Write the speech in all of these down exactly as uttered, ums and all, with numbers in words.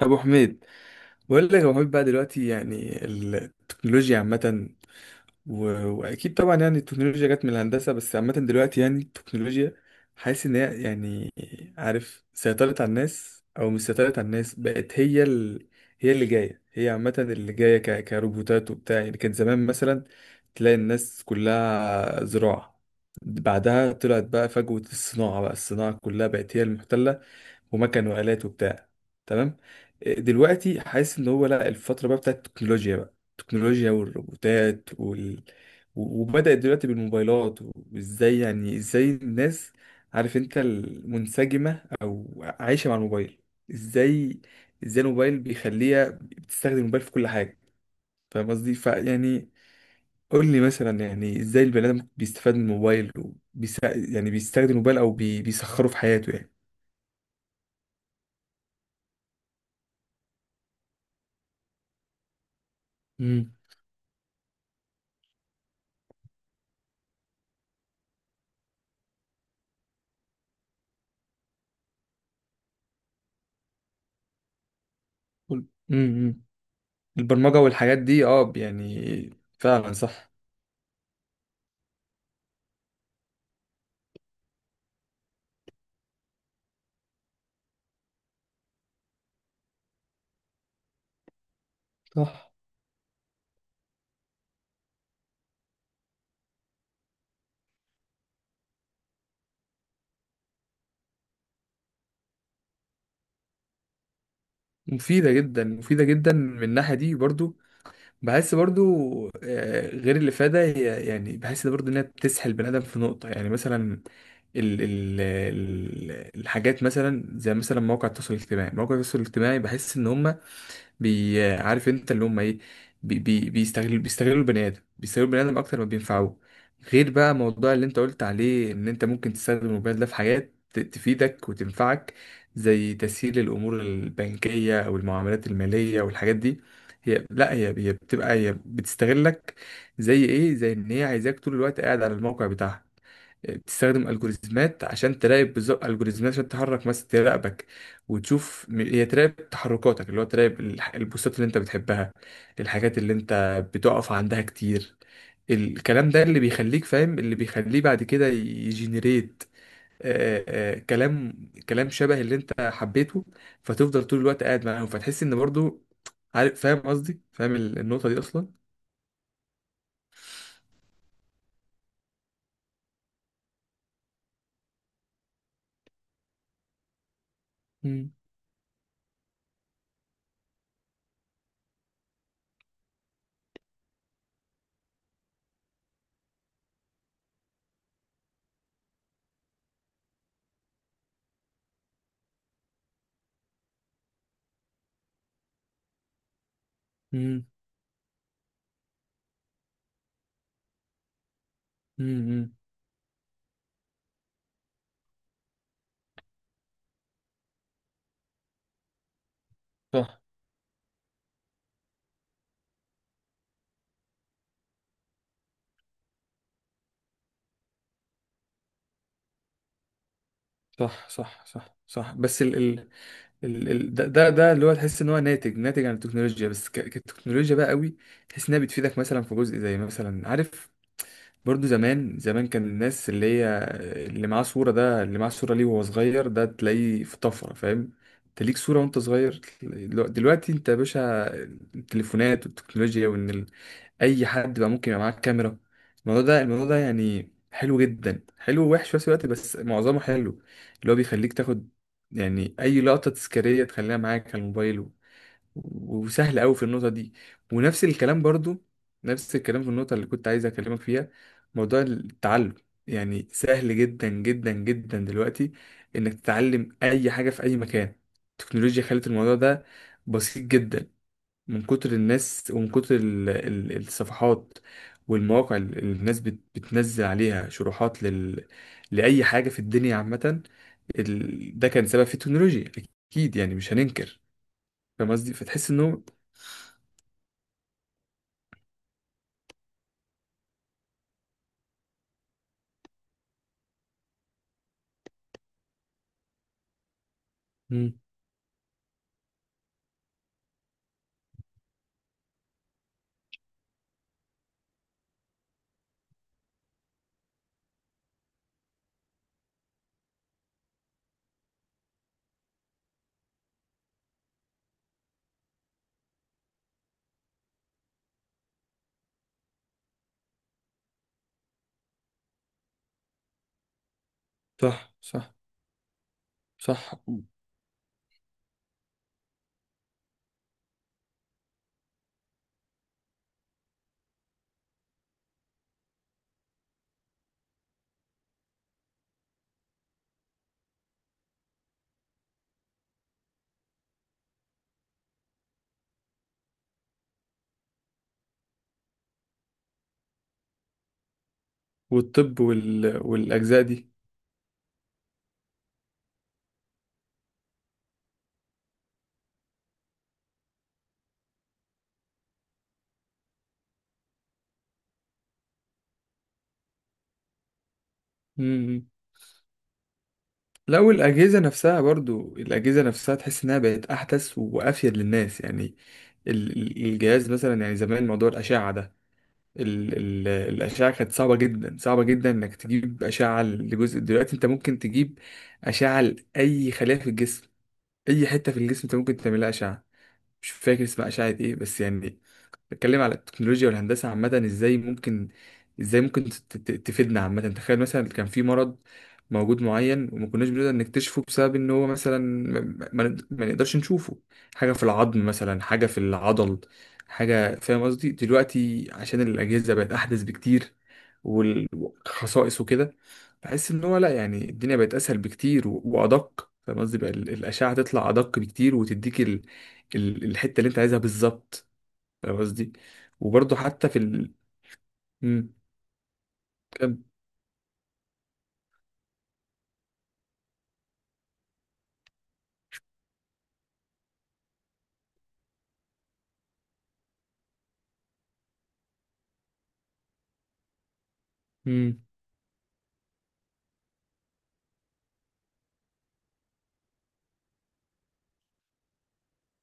ابو حميد بقول لك يا ابو حميد، بقى دلوقتي يعني التكنولوجيا عامه و... واكيد طبعا يعني التكنولوجيا جت من الهندسه، بس عامه دلوقتي يعني التكنولوجيا حاسس ان هي يعني، عارف، سيطرت على الناس او مش سيطرت على الناس، بقت هي ال... هي اللي جايه، هي عامه اللي جايه ك... كروبوتات وبتاع. يعني كان زمان مثلا تلاقي الناس كلها زراعه، بعدها طلعت بقى فجوة الصناعة، بقى الصناعة كلها بقت هي المحتلة، ومكن وآلات وبتاع. تمام. آه، دلوقتي حاسس ان هو لا، الفترة بقى بتاعت التكنولوجيا بقى، التكنولوجيا والروبوتات وال... و- وبدأت دلوقتي بالموبايلات، وازاي يعني ازاي الناس، عارف انت، المنسجمة او عايشة مع الموبايل، ازاي، ازاي الموبايل بيخليها بتستخدم الموبايل في كل حاجة. فاهم قصدي؟ فيعني قول لي مثلا، يعني ازاي البني ادم بيستفاد من الموبايل وبيس... يعني بيستخدم الموبايل او بي... بيسخره في حياته يعني. امم. امم. البرمجة والحاجات دي، اه يعني. فعلا صح. صح. مفيدة جدا، مفيدة جدا من الناحية دي برضو. بحس برضو، آه، غير الإفادة، هي يعني بحس برضو إنها بتسحل البني آدم في نقطة. يعني مثلا ال ال ال الحاجات، مثلا زي مثلا مواقع التواصل الاجتماعي، مواقع التواصل الاجتماعي بحس إن هما، بي عارف انت اللي هم ايه، بي بي بيستغلوا بيستغلوا البني ادم، بيستغلوا البني ادم اكتر ما بينفعوه. غير بقى موضوع اللي انت قلت عليه، ان انت ممكن تستخدم الموبايل ده في حاجات ت- تفيدك وتنفعك، زي تسهيل الامور البنكيه او المعاملات الماليه والحاجات دي. هي لا، هي هي بتبقى، هي بتستغلك. زي ايه؟ زي ان هي عايزاك طول الوقت قاعد على الموقع بتاعها، بتستخدم الجوريزمات عشان تراقب بالظبط، الجوريزمات عشان تحرك مثلا تراقبك، وتشوف م- هي تراقب تحركاتك، اللي هو تراقب الح- البوستات اللي انت بتحبها، الحاجات اللي انت بتقف عندها كتير. الكلام ده اللي بيخليك فاهم، اللي بيخليه بعد كده يجنريت آه، آه، كلام، كلام شبه اللي انت حبيته، فتفضل طول الوقت قاعد معاهم. فتحس ان برضو، عارف، فاهم قصدي، فاهم ال- النقطة دي اصلا. مم. مم. مم. مم. صح، صح، صح، صح، صح، بس ال... ال... ده ده ده اللي هو تحس ان هو ناتج، ناتج عن التكنولوجيا. بس ك... كتكنولوجيا بقى، قوي تحس انها بتفيدك مثلا في جزء، زي مثلا، عارف، برضو زمان، زمان كان الناس اللي هي اللي معاه صورة، ده اللي معاه صورة ليه وهو صغير ده تلاقيه في طفرة. فاهم؟ انت ليك صورة وانت صغير. دلو- دلوقتي انت يا باشا، التليفونات والتكنولوجيا، وان ال... اي حد بقى ممكن يبقى معاه كاميرا. الموضوع ده، الموضوع ده يعني حلو جدا، حلو ووحش في نفس الوقت بس معظمه حلو، اللي هو بيخليك تاخد يعني اي لقطة تذكارية تخليها معاك على الموبايل. وسهل قوي في النقطة دي. ونفس الكلام برضو، نفس الكلام في النقطة اللي كنت عايز أكلمك فيها، موضوع التعلم. يعني سهل جدا جدا جدا دلوقتي إنك تتعلم أي حاجة في أي مكان. التكنولوجيا خلت الموضوع ده بسيط جدا، من كتر الناس ومن كتر ال- ال- الصفحات والمواقع اللي الناس بت- بتنزل عليها شروحات لل... لأي حاجة في الدنيا عامة. ال... ده كان سبب في التكنولوجيا أكيد، يعني مش هننكر. فاهم قصدي؟ فتحس إنه. مم. صح، صح، صح، والطب وال... والأجزاء دي. مم. لا، والأجهزة نفسها برضو، الأجهزة نفسها تحس إنها بقت أحدث وأفيد للناس يعني. ال- ال- الجهاز مثلا، يعني زمان موضوع الأشعة ده، ال... ال... الأشعة كانت صعبة جدا، صعبة جدا إنك تجيب أشعة لجزء. دلوقتي أنت ممكن تجيب أشعة لأي خلية في الجسم، أي حتة في الجسم أنت ممكن تعملها أشعة. مش فاكر اسمها أشعة إيه، بس يعني بتكلم على التكنولوجيا والهندسة عامة، ازاي ممكن، ازاي ممكن ت- ت- تفيدنا عامة. تخيل مثلا كان في مرض موجود معين وما كناش بنقدر نكتشفه بسبب ان هو مثلا ما، ما ما نقدرش نشوفه، حاجة في العظم مثلا، حاجة في العضل، حاجة. فاهم قصدي؟ دلوقتي عشان الأجهزة بقت أحدث بكتير والخصائص وكده، بحس ان هو لا، يعني الدنيا بقت أسهل بكتير و- وأدق. فاهم قصدي؟ بقى ال- الأشعة تطلع أدق بكتير وتديك ال... ال- الحتة اللي انت عايزها بالظبط. فاهم قصدي؟ وبرضه حتى في ال... مم. كم. مم.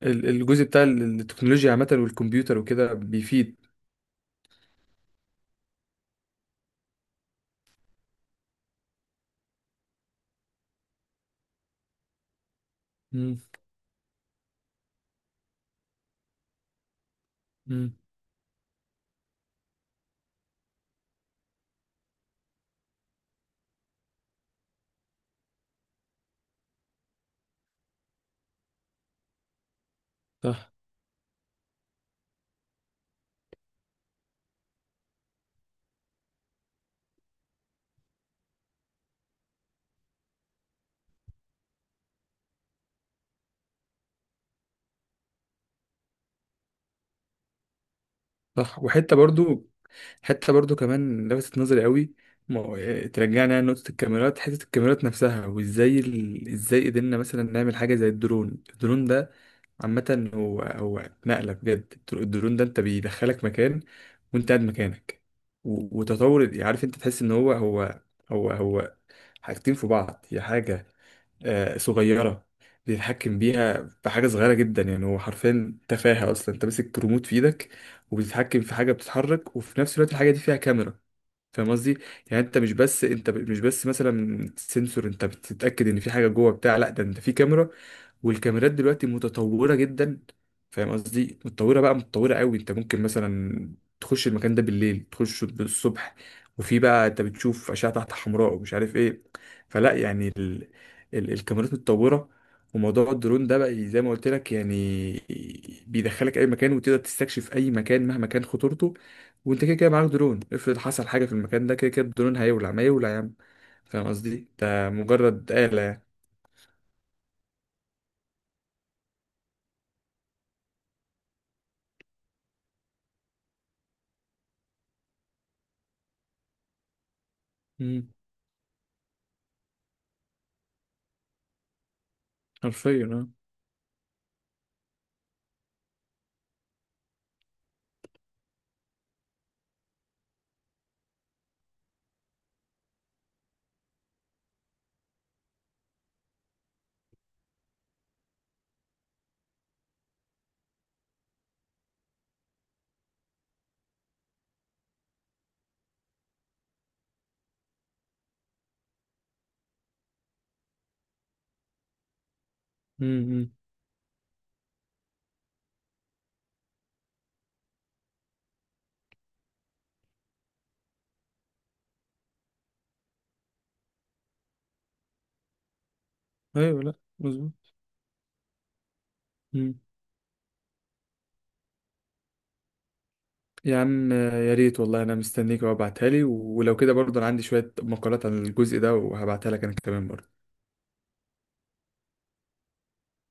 ال- الجزء بتاع ال- التكنولوجيا عامة والكمبيوتر وكده بيفيد. مم. مم. صح، صح. وحتة برضو، حتة برضو كمان لفتت نظري قوي، ما هو- إيه، ترجعنا يعني لنقطة الكاميرات، حتة الكاميرات نفسها، وازاي ال... ازاي قدرنا مثلا نعمل حاجة زي الدرون. الدرون ده عامة، هو، هو نقلة بجد. الدرون ده انت بيدخلك مكان وانت قاعد مكانك. و- وتطور، عارف انت تحس ان هو، هو هو هو حاجتين في بعض، هي حاجة آه، صغيرة بيتحكم بيها بحاجة صغيرة جدا. يعني هو حرفيا تفاهة أصلا، أنت ماسك ريموت في إيدك وبتتحكم في حاجة بتتحرك، وفي نفس الوقت الحاجة دي فيها كاميرا. فاهم قصدي؟ يعني انت مش بس انت ب- مش بس مثلا سنسور انت بتتاكد ان في حاجه جوه بتاع، لا ده انت في كاميرا. والكاميرات دلوقتي متطوره جدا. فاهم قصدي؟ متطوره بقى، متطوره قوي. انت ممكن مثلا تخش المكان ده بالليل، تخش بالصبح، وفي بقى انت بتشوف اشعه تحت حمراء ومش عارف ايه. فلا يعني ال... ال... الكاميرات متطوره. وموضوع الدرون ده بقى، زي ما قلت لك يعني بيدخلك اي مكان، وتقدر تستكشف اي مكان مهما كان خطورته. وانت كده كده معاك درون، افرض حصل حاجة في المكان ده، كده كده الدرون هيولع ما يولع، يا عم. فاهم قصدي؟ ده مجرد آلة يعني. امم. حرفيا اه. امم. ايوه، لا مظبوط. امم. يا عم، آه، يا ريت والله، انا مستنيك وابعتها لي، ولو كده برضه انا عندي شوية مقالات عن الجزء ده وهبعتها لك انا كمان برضه.